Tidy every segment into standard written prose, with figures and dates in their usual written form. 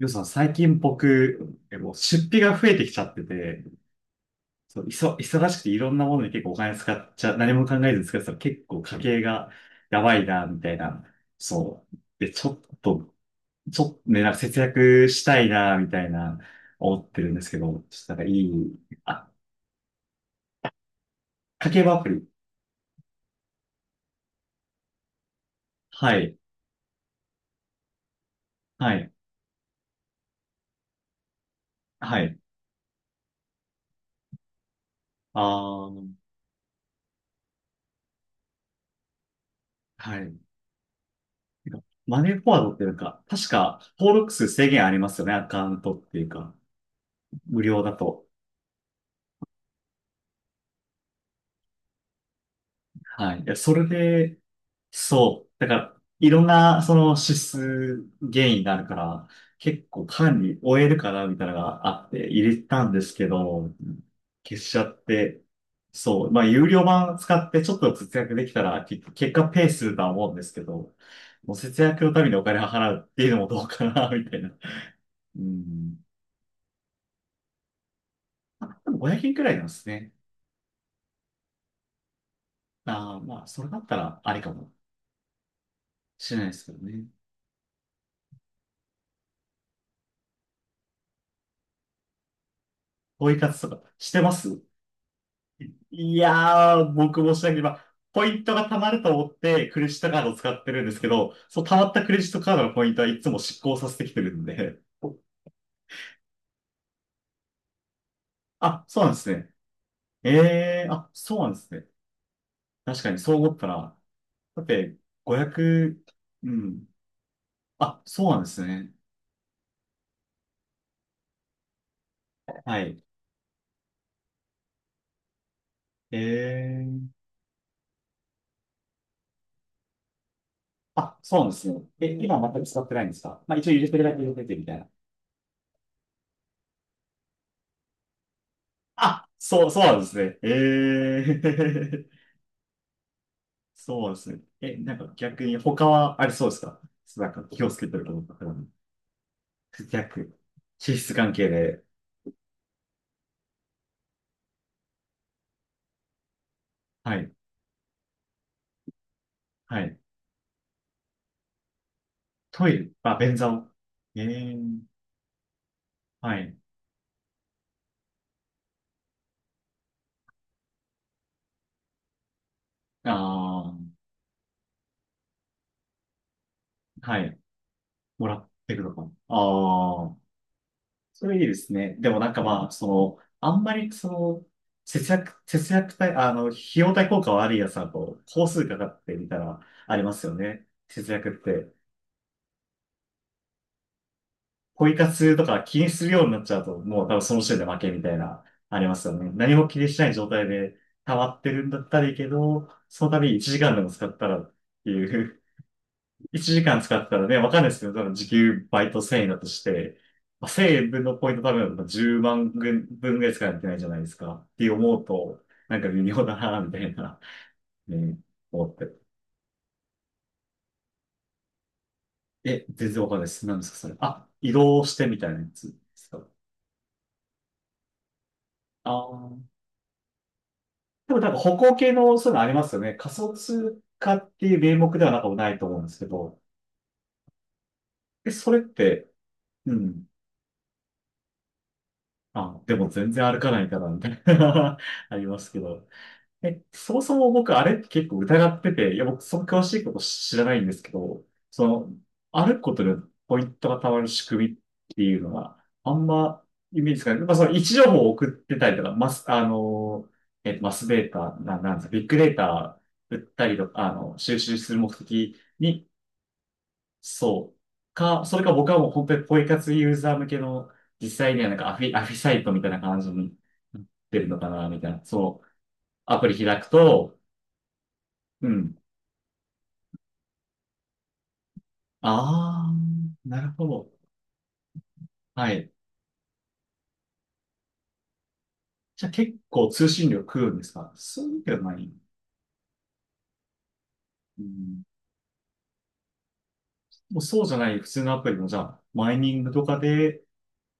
ようさん、最近僕、もう出費が増えてきちゃってて、そう、忙しくていろんなものに結構お金使っちゃ、何も考えず使ってたら結構家計がやばいな、みたいな。そう。で、ちょっとね、なんか節約したいな、みたいな、思ってるんですけど、ちょっとなんかいい、あ、家計簿アプリ。はい、はい、はい。あー、はい。てかマネーフォワードっていうか、確か登録数制限ありますよね、アカウントっていうか、無料だと。はい。いや、それで、そう。だから、いろんな、その指数原因があるから、結構管理終えるかな、みたいなのがあって入れたんですけど、消しちゃって、そう。まあ、有料版使ってちょっと節約できたら、結果ペイするとは思うんですけど、もう節約のためにお金を払うっていうのもどうかな、みたいな。うん。あ、でも500円くらいなんですね。ああ、まあ、それだったらありかもしれないですけどね。ポイ活とかしてます？いやー、僕もしなければ、ポイントが貯まると思ってクレジットカードを使ってるんですけど、その貯まったクレジットカードのポイントはいつも失効させてきてるんで、あ、そうなんですね。えー、あ、そうなんですね。確かにそう思ったら、だって500、うん。あ、そうなんですね。はい。えー、あ、そうなんですね。え、今は全く使ってないんですか？まあ一応入れてるだけ入れててみたいな。あ、そう、そうなんですね。えー。そうですね。え、なんか逆に他はありそうですか？なんか気をつけてることとか。逆。脂質関係で。はい。はい。トイレ。あ、便座を。ええ、はい。ああ、はい。もらってくのか。ああ、それいいですね。でもなんかまあ、その、あんまりその、節約、節約対、あの、費用対効果悪いやつだと、工数かかってみたら、ありますよね。節約って。ポイ活とか気にするようになっちゃうと、もう多分その時点で負けみたいな、ありますよね。何も気にしない状態で溜まってるんだったらいいけど、その度に1時間でも使ったらっていう、1時間使ったらね、わかんないですけど、多分時給バイト1000円だとして、まあ、1000円分のポイント多分10万分ぐらいしかやってないじゃないですか。って思うと、なんか微妙だな、みたいな、ね、思って。え、全然わかんないです。何ですか、それ。あ、移動してみたいなやつですか？ああ。でもなんか歩行系のそういうのありますよね。仮想通貨っていう名目ではなんかもないと思うんですけど。え、それって、うん。あ、でも全然歩かないからみたいな ありますけど。え、そもそも僕、あれって結構疑ってて、いや、僕、その詳しいこと知らないんですけど、その、歩くことでポイントがたまる仕組みっていうのは、あんまイメージつかない。まあ、その位置情報を送ってたりとか、マス、あの、えっと、マスデータ、なんですか、ビッグデータ売ったりとか、収集する目的に、そうか、それか僕はもう本当にポイ活ユーザー向けの、実際にはなんかアフィサイトみたいな感じになってるのかな、みたいな、そう。アプリ開くと、うん。ああ、なるほど。はい。じゃあ結構通信量食うんですか？そういうわけではない。うん。もうそうじゃない普通のアプリもじゃあ、マイニングとかで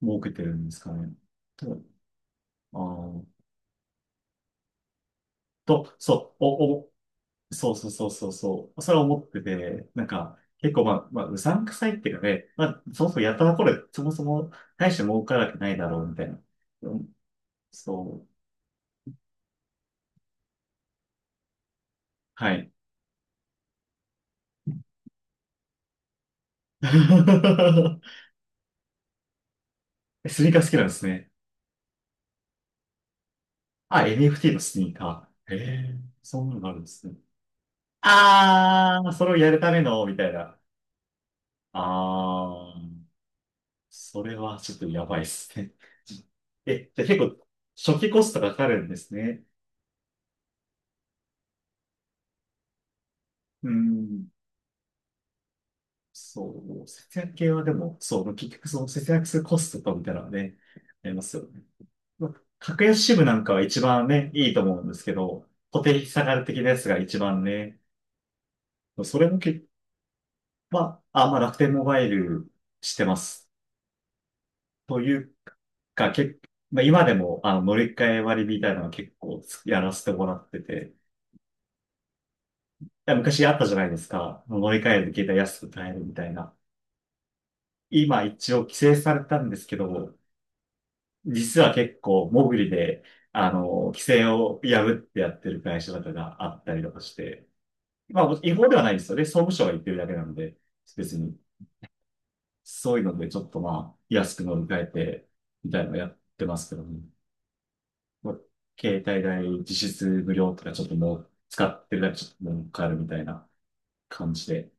儲けてるんですかね。と、あーと、そう、お、お、そうそうそうそうそう。それは思ってて、なんか、結構まあ、うさんくさいっていうかね、まあ、そもそもやったところで、そもそも大して儲からないだろうみたいな。うん、そう。はい。スニーカー好きなんですね。あ、NFT のスニーカー。ええ、そんなのがあるんですね。あー、それをやるための、みたいな。あー、それはちょっとやばいですね。え、じゃあ結構、初期コストがかかるんですね。うん、そう、節約系はでも、そう、結局その節約するコストとみたいなのはね、ありますよね。まあ格安支部なんかは一番ね、いいと思うんですけど、固定費下がる的なやつが一番ね、それもけ、まあ、あ、まあ楽天モバイルしてます。というか、まあ、今でも、乗り換え割みたいなのは結構やらせてもらってて、昔あったじゃないですか。乗り換えで携帯安く買えるみたいな。今一応規制されたんですけど、実は結構、モグリで、規制を破ってやってる会社とかがあったりとかして、まあ、違法ではないですよね。総務省が言ってるだけなので、別に、そういうのでちょっとまあ、安く乗り換えて、みたいなのやってますけどね。もう携帯代実質無料とか、ちょっともう使ってるだけちょっと儲かるみたいな感じで。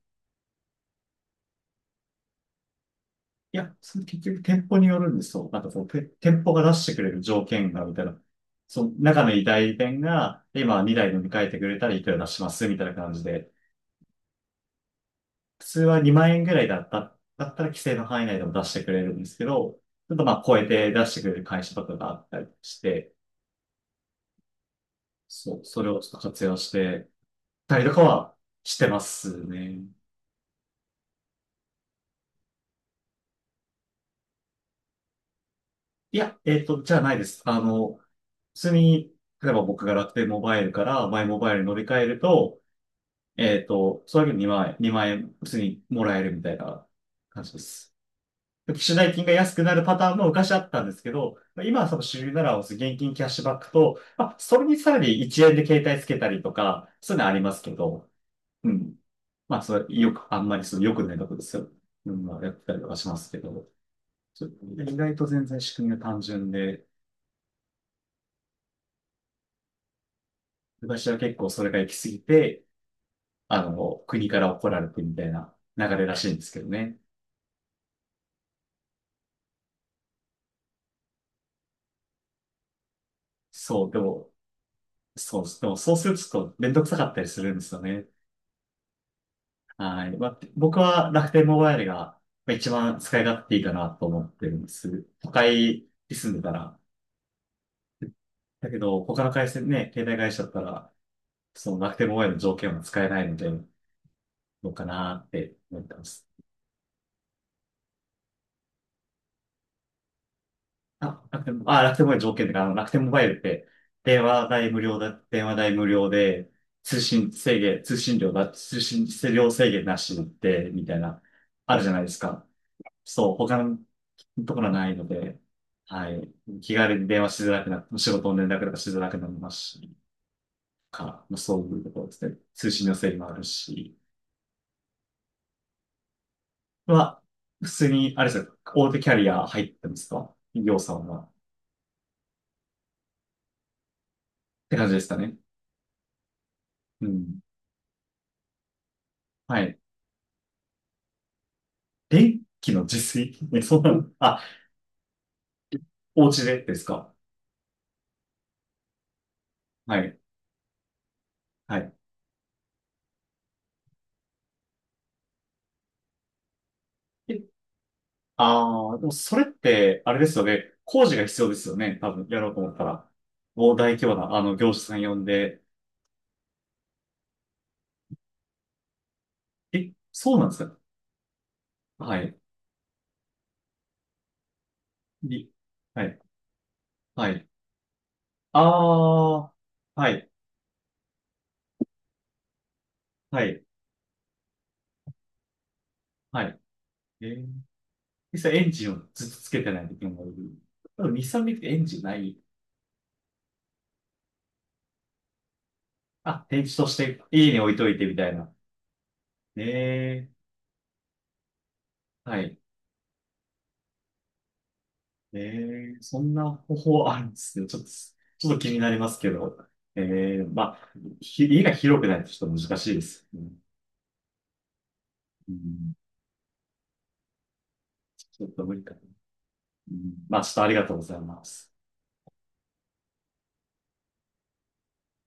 いや、その結局店舗によるんですよ。なんかそう、店舗が出してくれる条件が、みたいな。その中の代理店が、今2台飲み替えてくれたらいくら出しますみたいな感じで。普通は2万円ぐらいだったら規制の範囲内でも出してくれるんですけど、ちょっとまあ超えて出してくれる会社とかがあったりして、そう、それをちょっと活用してたりとかはしてますね。いや、じゃあないです。普通に、例えば僕が楽天モバイルからマイモバイルに乗り換えると、それだけで2万円普通にもらえるみたいな感じです。機種代金が安くなるパターンも昔あったんですけど、まあ今はその主流なら現金キャッシュバックと、まあ、それにさらに1円で携帯つけたりとか、そういうのありますけど、うん。まあ、それよく、あんまりその良くないとこですよ。うん、まあ、やってたりとかしますけど、ちょっと意外と全然仕組みが単純で、私は結構それが行き過ぎて、国から怒られてみたいな流れらしいんですけどね。そう、でも、そう、でもそうするとちょっとめんどくさかったりするんですよね。はい。まあ、僕は楽天モバイルがまあ一番使い勝手いいかなと思ってるんです。都会に住んでたら。だけど、他の回線ね、携帯会社だったら、その楽天モバイルの条件は使えないので、どうかなって思ってます。あ、楽天モバイル条件で、楽天モバイルって、電話代無料で、通信量制限なしで、みたいな、あるじゃないですか。そう、他のところはないので、はい、気軽に電話しづらくなって、仕事の連絡とかしづらくなりますし、から、まあ、そういうところですね。通信の制限もあるし、は、普通に、あれですよ、大手キャリア入ってますか？企業さんは。って感じですかね。うん。はい。電気の自炊。え、そうなの？あ、お家でですか？はい。はい。え、ああ、でもそれって、あれですよね。工事が必要ですよね。多分、やろうと思ったら。もう大規模な、業者さん呼んで。え、そうなんですか？はい。いはい。はい。ああ、はい。はい。はい。えー、実際エンジンをずっとつけてない時もいる。多分、日産見てエンジンない。あ、電池として家に置いといてみたいな。ねえ、はい。ええ、そんな方法あるんですね。ちょっと気になりますけど。ええ、まあ、家が広くないとちょっと難しいですよね。うん、ちょっと無理かな。うん、まあ、ちょっとありがとうございます。